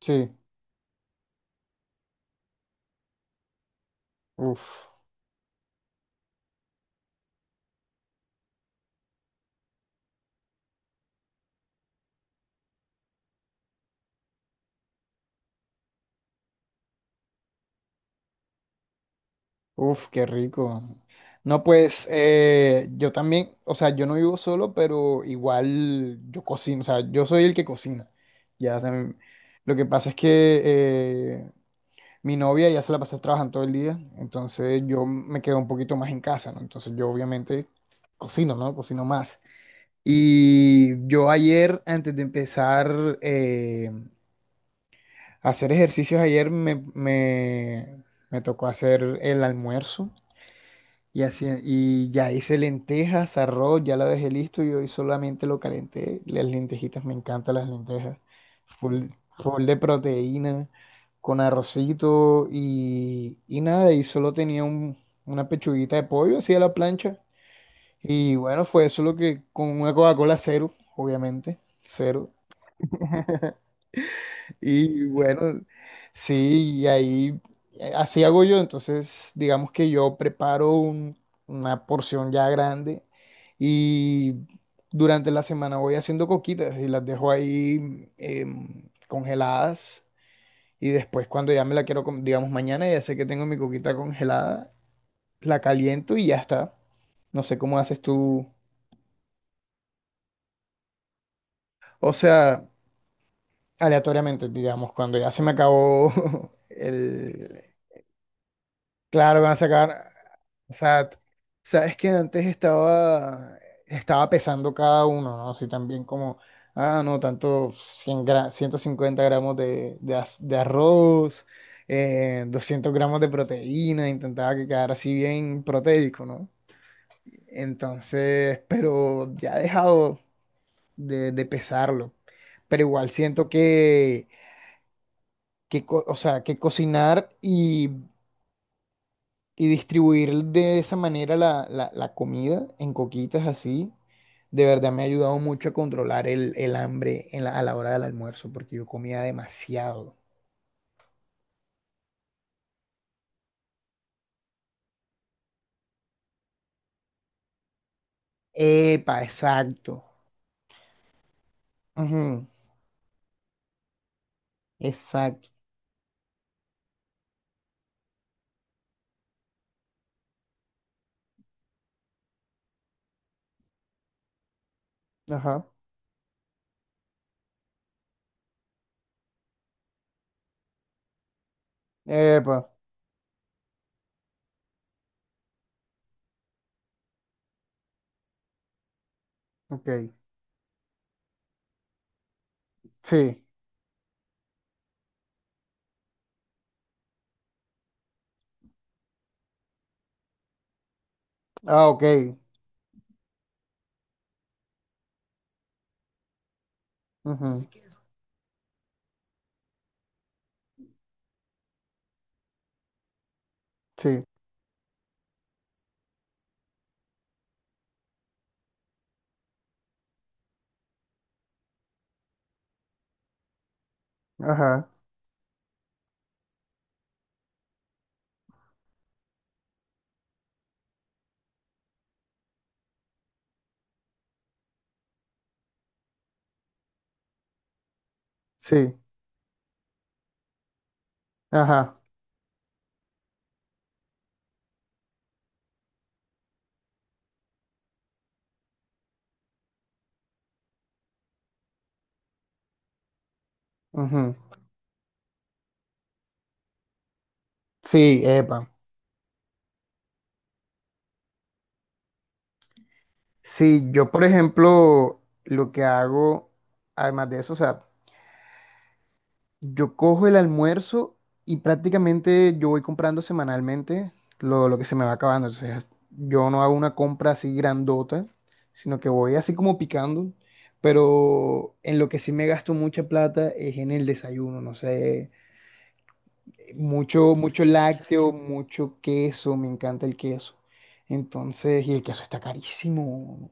Sí, uff, uff, qué rico. No, pues yo también, o sea, yo no vivo solo, pero igual yo cocino, o sea, yo soy el que cocina. Ya, o sea, lo que pasa es que eh, mi novia ya se la pasa trabajando todo el día, entonces yo me quedo un poquito más en casa, ¿no? Entonces yo obviamente cocino, ¿no? Cocino más. Y yo ayer, antes de empezar a hacer ejercicios, ayer me tocó hacer el almuerzo. Y así, y ya hice lentejas, arroz, ya lo dejé listo y hoy solamente lo calenté. Las lentejitas, me encantan las lentejas. Full, full de proteína, con arrocito y nada, y solo tenía una pechuguita de pollo así a la plancha. Y bueno, fue eso lo que, con una Coca-Cola cero, obviamente, cero. Y bueno, sí, y ahí así hago yo. Entonces, digamos que yo preparo una porción ya grande y durante la semana voy haciendo coquitas y las dejo ahí congeladas. Y después, cuando ya me la quiero, digamos mañana, ya sé que tengo mi coquita congelada, la caliento y ya está. No sé cómo haces tú. O sea, aleatoriamente, digamos, cuando ya se me acabó el. Claro, van a sacar. O sea, sabes que antes estaba pesando cada uno, ¿no? Así también como, ah, no, tanto 150 gramos de arroz, 200 gramos de proteína, intentaba que quedara así bien proteico, ¿no? Entonces, pero ya he dejado de pesarlo. Pero igual siento que, o sea, que cocinar y distribuir de esa manera la comida en coquitas así, de verdad me ha ayudado mucho a controlar el hambre a la hora del almuerzo, porque yo comía demasiado. Epa, exacto. Ujú, exacto. Ajá. Epa, ok. Sí. Ah, ok. Ujú, sí. Ajá. Sí. Ajá. Ujú. Sí, epa. Sí, yo por ejemplo, lo que hago, además de eso, o sea, yo cojo el almuerzo y prácticamente yo voy comprando semanalmente lo que se me va acabando. O sea, yo no hago una compra así grandota, sino que voy así como picando. Pero en lo que sí me gasto mucha plata es en el desayuno, no sé, mucho, mucho lácteo, mucho queso, me encanta el queso. Entonces, y el queso está carísimo.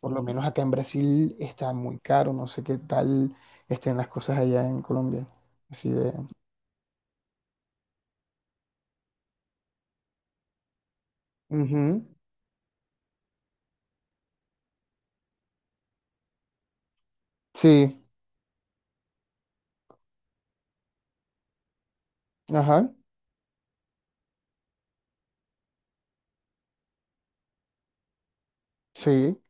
Por lo menos acá en Brasil está muy caro, no sé qué tal estén las cosas allá en Colombia. Así de, ujú. Sí, ajá, sí.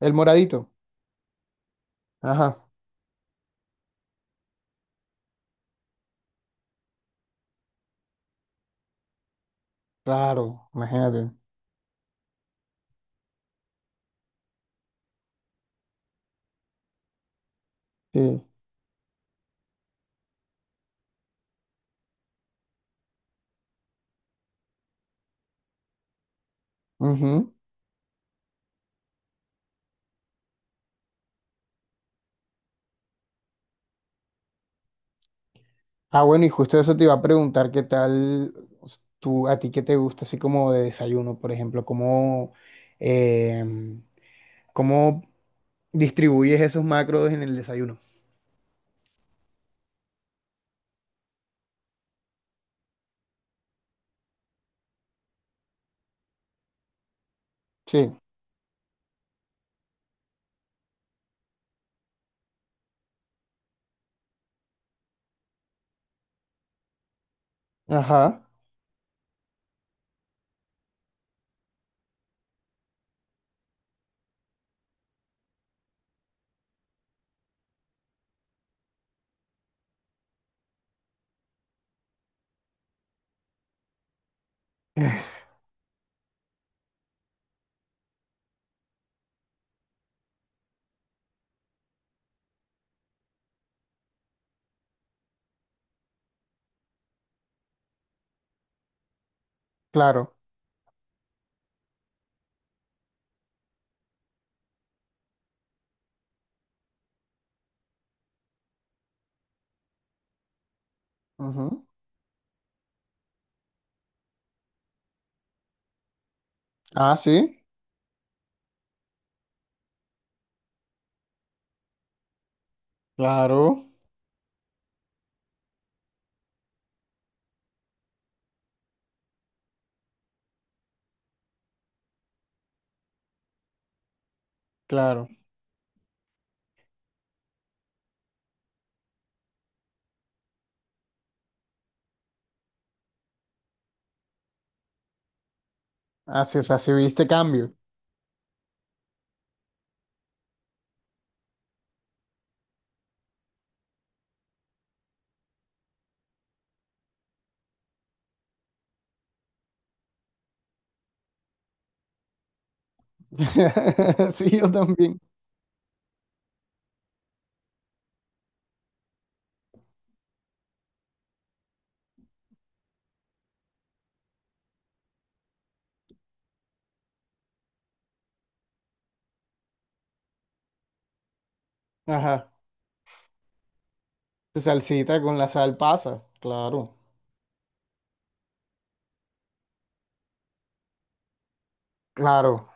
El moradito. Ajá, claro, imagínate. Sí. Ujú. Ah, bueno, y justo eso te iba a preguntar, ¿qué tal tú, a ti qué te gusta así como de desayuno, por ejemplo? Em, cómo distribuyes esos macros en el desayuno? Sí, ajá, claro. Ujú. Ah, sí, claro, claro. Ah, sí, o sea, sí viste cambio. Sí, yo también. Ajá. Tu salsita con la sal pasa, claro, claro,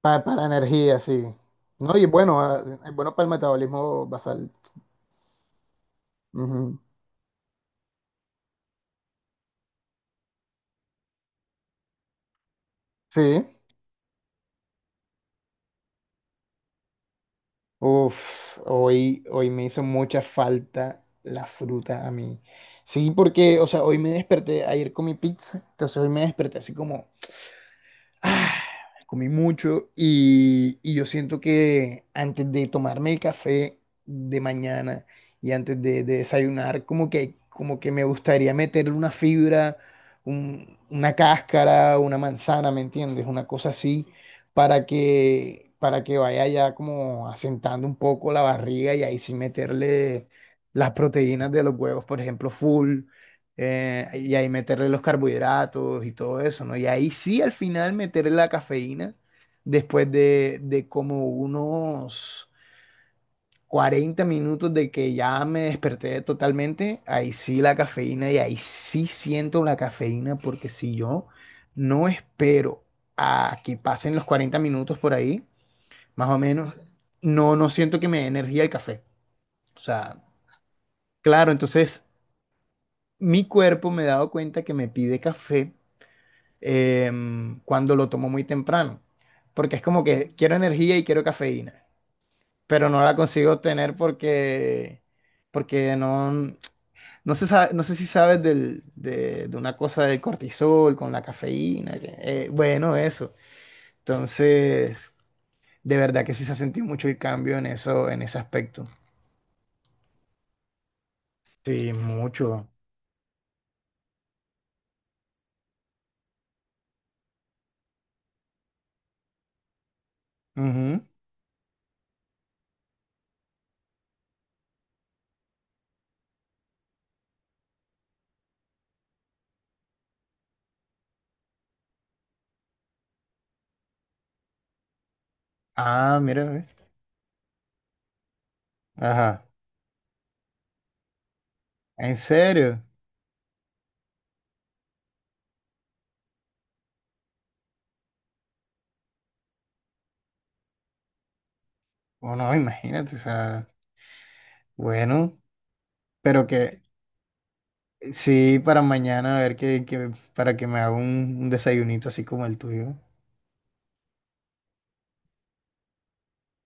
para, energía, sí. No, y es bueno, ah, es bueno para el metabolismo basal. Ujú. Sí. Uf, hoy me hizo mucha falta la fruta a mí. Sí, porque, o sea, hoy me desperté, ayer comí pizza, entonces hoy me desperté así como, ¡ah! Comí mucho y yo siento que antes de tomarme el café de mañana y antes de desayunar, como que me gustaría meterle una fibra, una cáscara, una manzana, ¿me entiendes? Una cosa así, para que vaya ya como asentando un poco la barriga y ahí sí meterle las proteínas de los huevos, por ejemplo, full y ahí meterle los carbohidratos y todo eso, ¿no? Y ahí sí al final meterle la cafeína después de como unos 40 minutos de que ya me desperté totalmente, ahí sí la cafeína y ahí sí siento la cafeína porque si yo no espero a que pasen los 40 minutos por ahí, más o menos, no, no siento que me dé energía el café. O sea, claro, entonces mi cuerpo me he dado cuenta que me pide café cuando lo tomo muy temprano, porque es como que quiero energía y quiero cafeína, pero no la consigo obtener porque no, no sé, no sé si sabes de una cosa del cortisol con la cafeína, bueno, eso. Entonces, de verdad que sí se ha sentido mucho el cambio en eso, en ese aspecto. Sí, mucho. Ujú. Ah, mira, ve. Ajá. ¿En serio? O no imagínate, o sea, bueno, pero que, sí, para mañana, a ver para que me haga un desayunito así como el tuyo.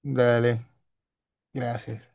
Dale, gracias.